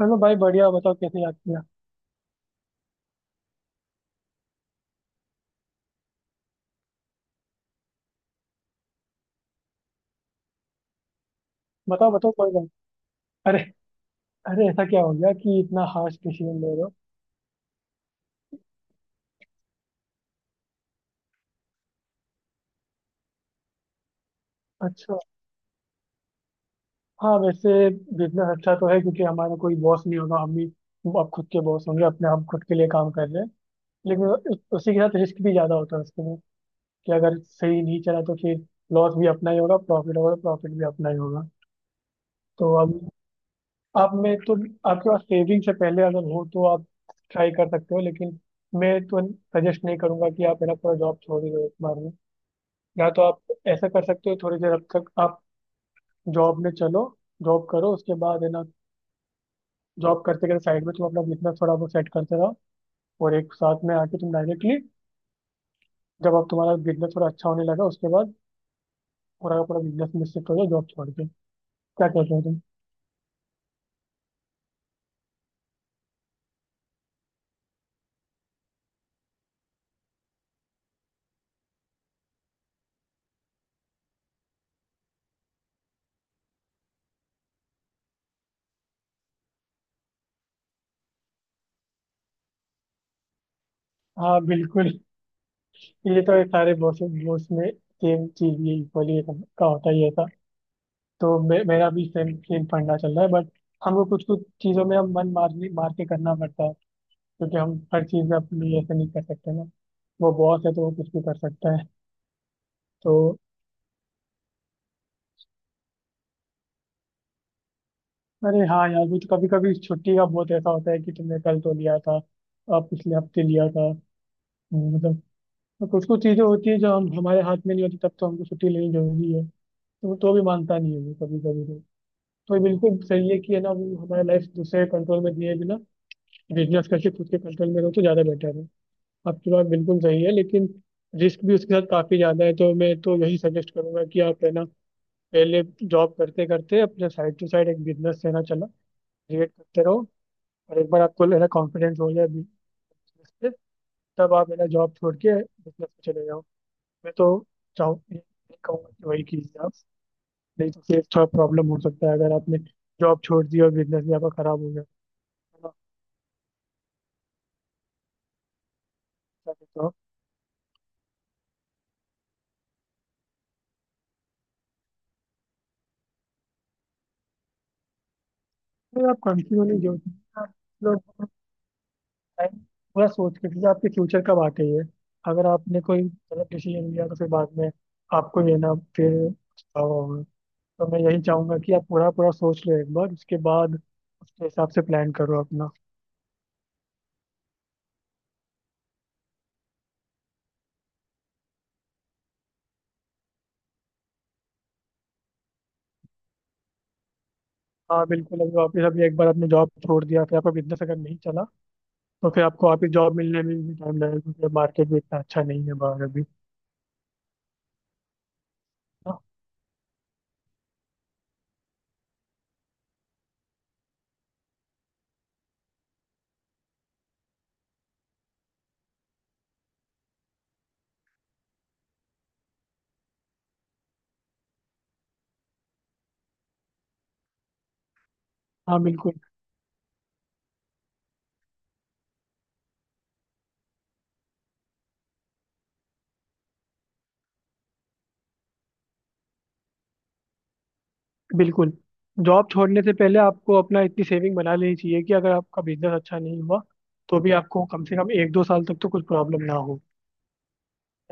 चलो भाई, बढ़िया। बताओ कैसे याद किया। बताओ बताओ, कोई बात। अरे। अरे ऐसा क्या हो गया कि इतना हार्श डिसीजन ले रहे हो। अच्छा। हाँ वैसे बिजनेस अच्छा तो है, क्योंकि हमारा कोई बॉस नहीं होगा, हम ही अब खुद के बॉस होंगे अपने, हम खुद के लिए काम कर रहे हैं। लेकिन उसी के साथ रिस्क भी ज़्यादा होता है उसके में। कि अगर सही नहीं चला तो फिर लॉस भी अपना ही होगा, प्रॉफिट होगा तो प्रॉफिट भी अपना ही होगा। तो अब आप में तो, आपके पास सेविंग से पहले अगर हो तो आप ट्राई कर सकते हो। लेकिन मैं तो सजेस्ट नहीं करूंगा कि आप मेरा पूरा जॉब छोड़ ही दो एक बार में। या तो आप ऐसा कर सकते हो, थोड़ी देर अब तक आप जॉब में चलो, जॉब करो, उसके बाद है ना, जॉब करते करते साइड में तुम अपना बिजनेस थोड़ा बहुत सेट करते रहो। और एक साथ में आके तुम डायरेक्टली, जब आप तुम्हारा बिजनेस थोड़ा अच्छा होने लगा उसके बाद पूरा का पूरा बिजनेस में शिफ्ट हो जाओ, जॉब छोड़ के। क्या कहते हो तुम। हाँ बिल्कुल। ये तो ये सारे बॉस बॉस में सेम चीज, ये इक्वली का होता ही है ऐसा। तो मेरा भी सेम सेम फंडा चल रहा है, बट हमको कुछ कुछ चीजों में हम मन मार मार के करना पड़ता है, क्योंकि हम हर चीज़ अपने लिए ऐसे नहीं कर सकते ना। वो बॉस है तो वो कुछ भी कर सकता है। तो अरे हाँ यार, भी तो कभी कभी छुट्टी का बहुत ऐसा होता है कि तुमने कल तो लिया था, अब पिछले हफ्ते लिया था। मतलब, तो कुछ कुछ चीज़ें होती है जो हम हमारे हाथ में नहीं होती, तब तो हमको छुट्टी लेनी जरूरी है। तो वो तो भी मानता नहीं है वो, कभी कभी तो। तो ये बिल्कुल सही है कि है ना, वो हमारा लाइफ दूसरे कंट्रोल में दिए बिना बिजनेस करके खुद के कंट्रोल में रहो तो ज़्यादा बेटर है। आपकी बात बिल्कुल सही है, लेकिन रिस्क भी उसके साथ काफ़ी ज़्यादा है। तो मैं तो यही सजेस्ट करूंगा कि आप, है ना, पहले जॉब करते करते अपने साइड टू साइड एक बिजनेस लेना चला, क्रिएट करते रहो। और एक बार आपको लेना कॉन्फिडेंस हो जाए बिजनेस पे, तब आप मेरा जॉब छोड़ के बिजनेस पे चले जाओ। मैं तो चाहूँ ये कहूंगा कि वही कीजिए आप। नहीं तो फिर थोड़ा प्रॉब्लम हो सकता है, अगर आपने जॉब छोड़ दी और बिजनेस भी आपका खराब हो गया। है ना? क्या कहते हो आप? तो आप कंटिन्यू नहीं, जो आप लोग टाइम पूरा सोच के कीजिए, आपके फ्यूचर कब आके ही है। अगर आपने कोई गलत डिसीजन लिया तो फिर बाद में आपको ये ना फिर पछतावा होगा। तो मैं यही चाहूंगा कि आप पूरा पूरा सोच लो एक बार, उसके बाद उसके हिसाब से प्लान करो अपना। हाँ बिल्कुल। अभी वापस, अभी एक बार आपने जॉब छोड़ दिया फिर आपका बिजनेस अगर नहीं चला, तो फिर आपको वापस जॉब मिलने में भी टाइम लगेगा, क्योंकि मार्केट भी इतना अच्छा नहीं है बाहर अभी। हाँ। हाँ, बिल्कुल। बिल्कुल। जॉब छोड़ने से पहले आपको अपना इतनी सेविंग बना लेनी चाहिए कि अगर आपका बिजनेस अच्छा नहीं हुआ तो भी आपको कम से कम एक दो साल तक तो कुछ प्रॉब्लम ना हो।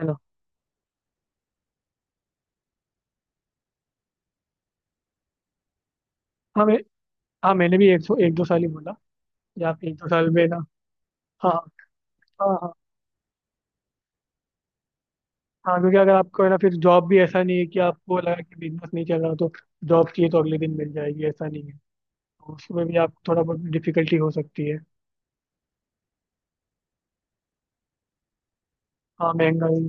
है ना। हाँ मैं, हाँ मैंने भी एक दो साल ही बोला। या आप एक दो साल में ना। हाँ। हाँ। हाँ, क्योंकि अगर आपको है ना, फिर जॉब भी ऐसा नहीं है कि आपको लगा कि बिजनेस नहीं चल रहा तो जॉब चाहिए तो अगले दिन मिल जाएगी, ऐसा नहीं है। तो उसमें भी आप थोड़ा बहुत डिफिकल्टी हो सकती है। हाँ महंगाई,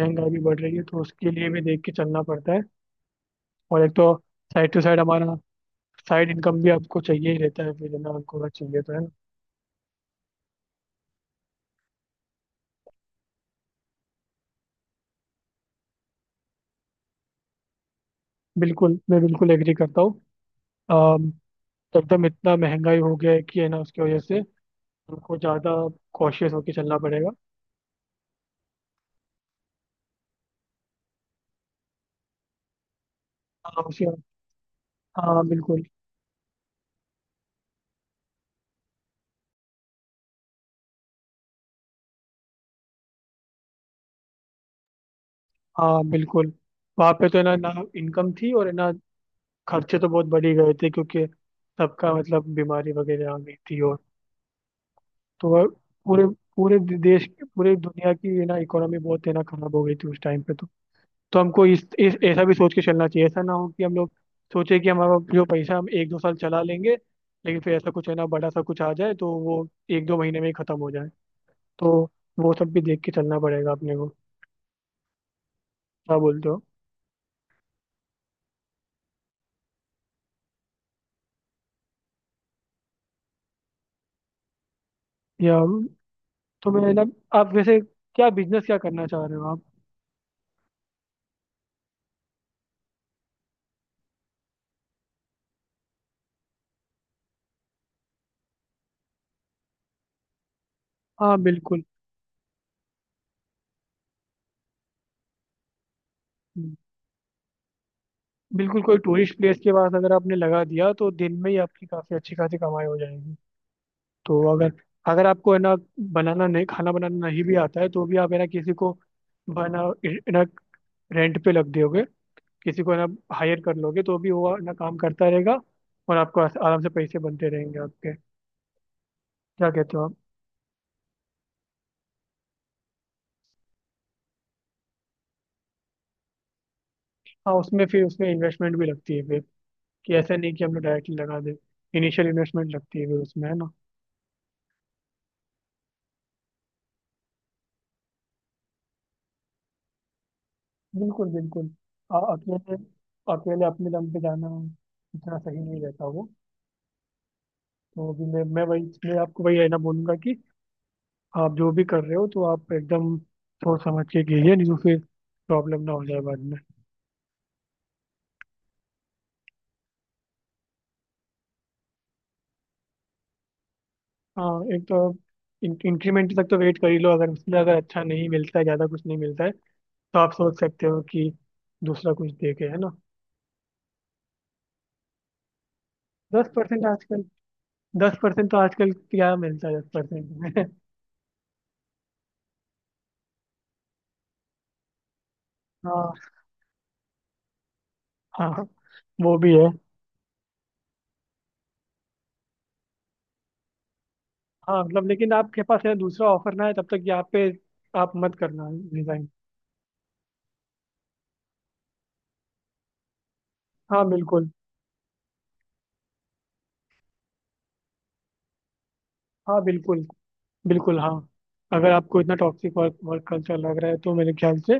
महंगाई भी बढ़ रही है तो उसके लिए भी देख के चलना पड़ता है। और एक तो साइड टू साइड हमारा साइड इनकम भी आपको चाहिए ही रहता है, फिर है ना, आपको अगर चाहिए तो, है ना। बिल्कुल, मैं बिल्कुल एग्री करता हूँ। अम, तो एकदम इतना महंगाई हो गया है कि, है ना, उसकी वजह से हमको ज़्यादा कॉशियस होकर चलना पड़ेगा। हाँ उसी, हाँ बिल्कुल। हाँ बिल्कुल। वहाँ पे तो है ना, ना इनकम थी और, है ना, खर्चे तो बहुत बढ़ ही गए थे, क्योंकि सबका मतलब बीमारी वगैरह आ गई थी। और तो वह पूरे, पूरे देश, पूरे दुनिया की, है ना, इकोनॉमी बहुत, है ना, खराब हो गई थी उस टाइम पे तो। तो हमको इस ऐसा भी सोच के चलना चाहिए, ऐसा ना हो कि हम लोग सोचे कि हमारा जो पैसा हम एक दो साल चला लेंगे, लेकिन फिर ऐसा कुछ, है ना, बड़ा सा कुछ आ जाए तो वो एक दो महीने में ही खत्म हो जाए। तो वो सब भी देख के चलना पड़ेगा अपने को। क्या बोलते हो। या तो मैं ना, आप वैसे क्या बिजनेस, क्या करना चाह रहे हो आप। हाँ बिल्कुल। हम्म, बिल्कुल कोई टूरिस्ट प्लेस के पास अगर आपने लगा दिया तो दिन में ही आपकी काफ़ी अच्छी खासी कमाई हो जाएगी। तो अगर, अगर आपको है ना बनाना नहीं, खाना बनाना नहीं भी आता है तो भी आप, है ना, किसी को बना, है ना, रेंट पे लग दोगे, किसी को, है ना, हायर कर लोगे तो भी वो, है ना, काम करता रहेगा। और आपको आराम से पैसे बनते रहेंगे आपके। क्या कहते हो आप। हाँ, उसमें फिर उसमें इन्वेस्टमेंट भी लगती है फिर, कि ऐसा नहीं कि हम लोग डायरेक्टली लगा दें। इनिशियल इन्वेस्टमेंट लगती है फिर उसमें, है ना। बिल्कुल बिल्कुल। अकेले, अकेले अपने दम पे जाना इतना सही नहीं रहता वो। तो भी मैं आपको वही, है ना, बोलूंगा कि आप जो भी कर रहे हो तो आप एकदम सोच समझ के कीजिए, नहीं तो फिर प्रॉब्लम ना हो जाए बाद में। हाँ एक तो आप इंक्रीमेंट तक तो वेट कर ही लो। अगर उसमें अगर अच्छा नहीं मिलता है, ज़्यादा कुछ नहीं मिलता है तो आप सोच सकते हो कि दूसरा कुछ देखे, है ना। दस परसेंट आजकल, दस परसेंट तो आजकल क्या मिलता है, दस परसेंट में हाँ। हाँ वो भी है। हाँ मतलब, लेकिन आपके पास है दूसरा ऑफर ना है तब तक यहाँ पे आप मत करना रिजाइन। हाँ बिल्कुल। हाँ बिल्कुल। बिल्कुल हाँ। अगर आपको इतना टॉक्सिक वर्क वर्क कल्चर लग रहा है तो मेरे ख्याल से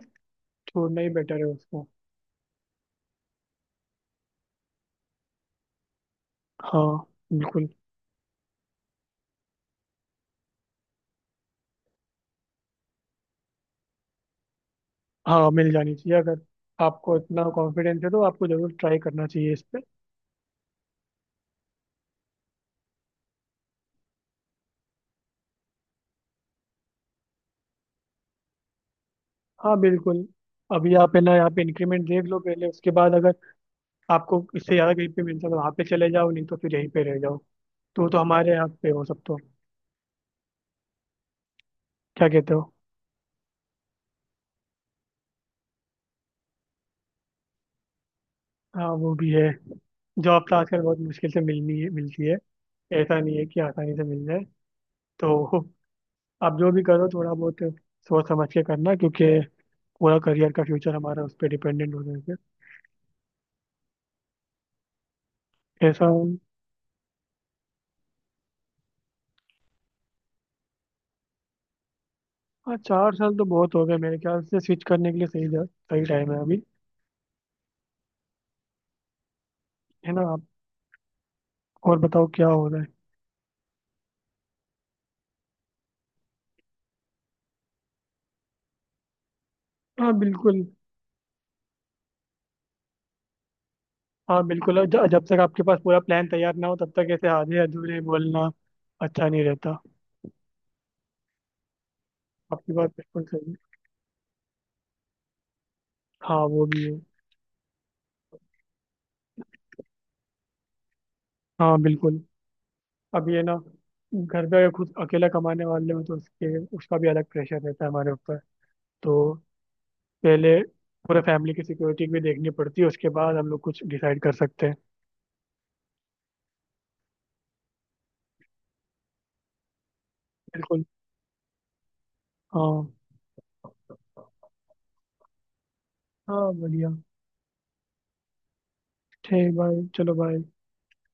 छोड़ना ही बेटर है उसको। हाँ। बिल्कुल। हाँ मिल जानी चाहिए। अगर आपको इतना कॉन्फिडेंस है तो आपको जरूर ट्राई करना चाहिए इस पे। हाँ बिल्कुल। अभी आप, है ना, यहाँ पे इंक्रीमेंट देख लो पहले, उसके बाद अगर आपको इससे ज़्यादा कहीं पे मिल सके वहाँ पे चले जाओ, नहीं तो फिर यहीं पे रह जाओ। तो हमारे यहाँ पे हो सब तो। क्या कहते हो। हाँ वो भी है। जॉब तो आजकल बहुत मुश्किल से मिलनी है, मिलती है, ऐसा नहीं है कि आसानी से मिल जाए। तो आप जो भी करो थोड़ा बहुत सोच समझ के करना, क्योंकि पूरा करियर का फ्यूचर हमारा उस पर डिपेंडेंट हो गया। है ऐसा। हाँ चार साल तो बहुत हो गए मेरे ख्याल से, स्विच करने के लिए सही सही टाइम है अभी। है ना आप। और बताओ क्या हो रहा है। हाँ बिल्कुल। हाँ बिल्कुल और जब तक आपके पास पूरा प्लान तैयार ना हो तब तक ऐसे आधे अधूरे बोलना अच्छा नहीं रहता। आपकी बात बिल्कुल सही है। हाँ वो भी है। हाँ बिल्कुल। अब ये ना, घर पे अगर खुद अकेला कमाने वाले हो तो उसके उसका भी अलग प्रेशर रहता है हमारे ऊपर। तो पहले पूरा फैमिली की सिक्योरिटी भी देखनी पड़ती है, उसके बाद हम लोग कुछ डिसाइड कर सकते हैं। बिल्कुल। हाँ। हाँ बढ़िया। ठीक भाई, चलो भाई।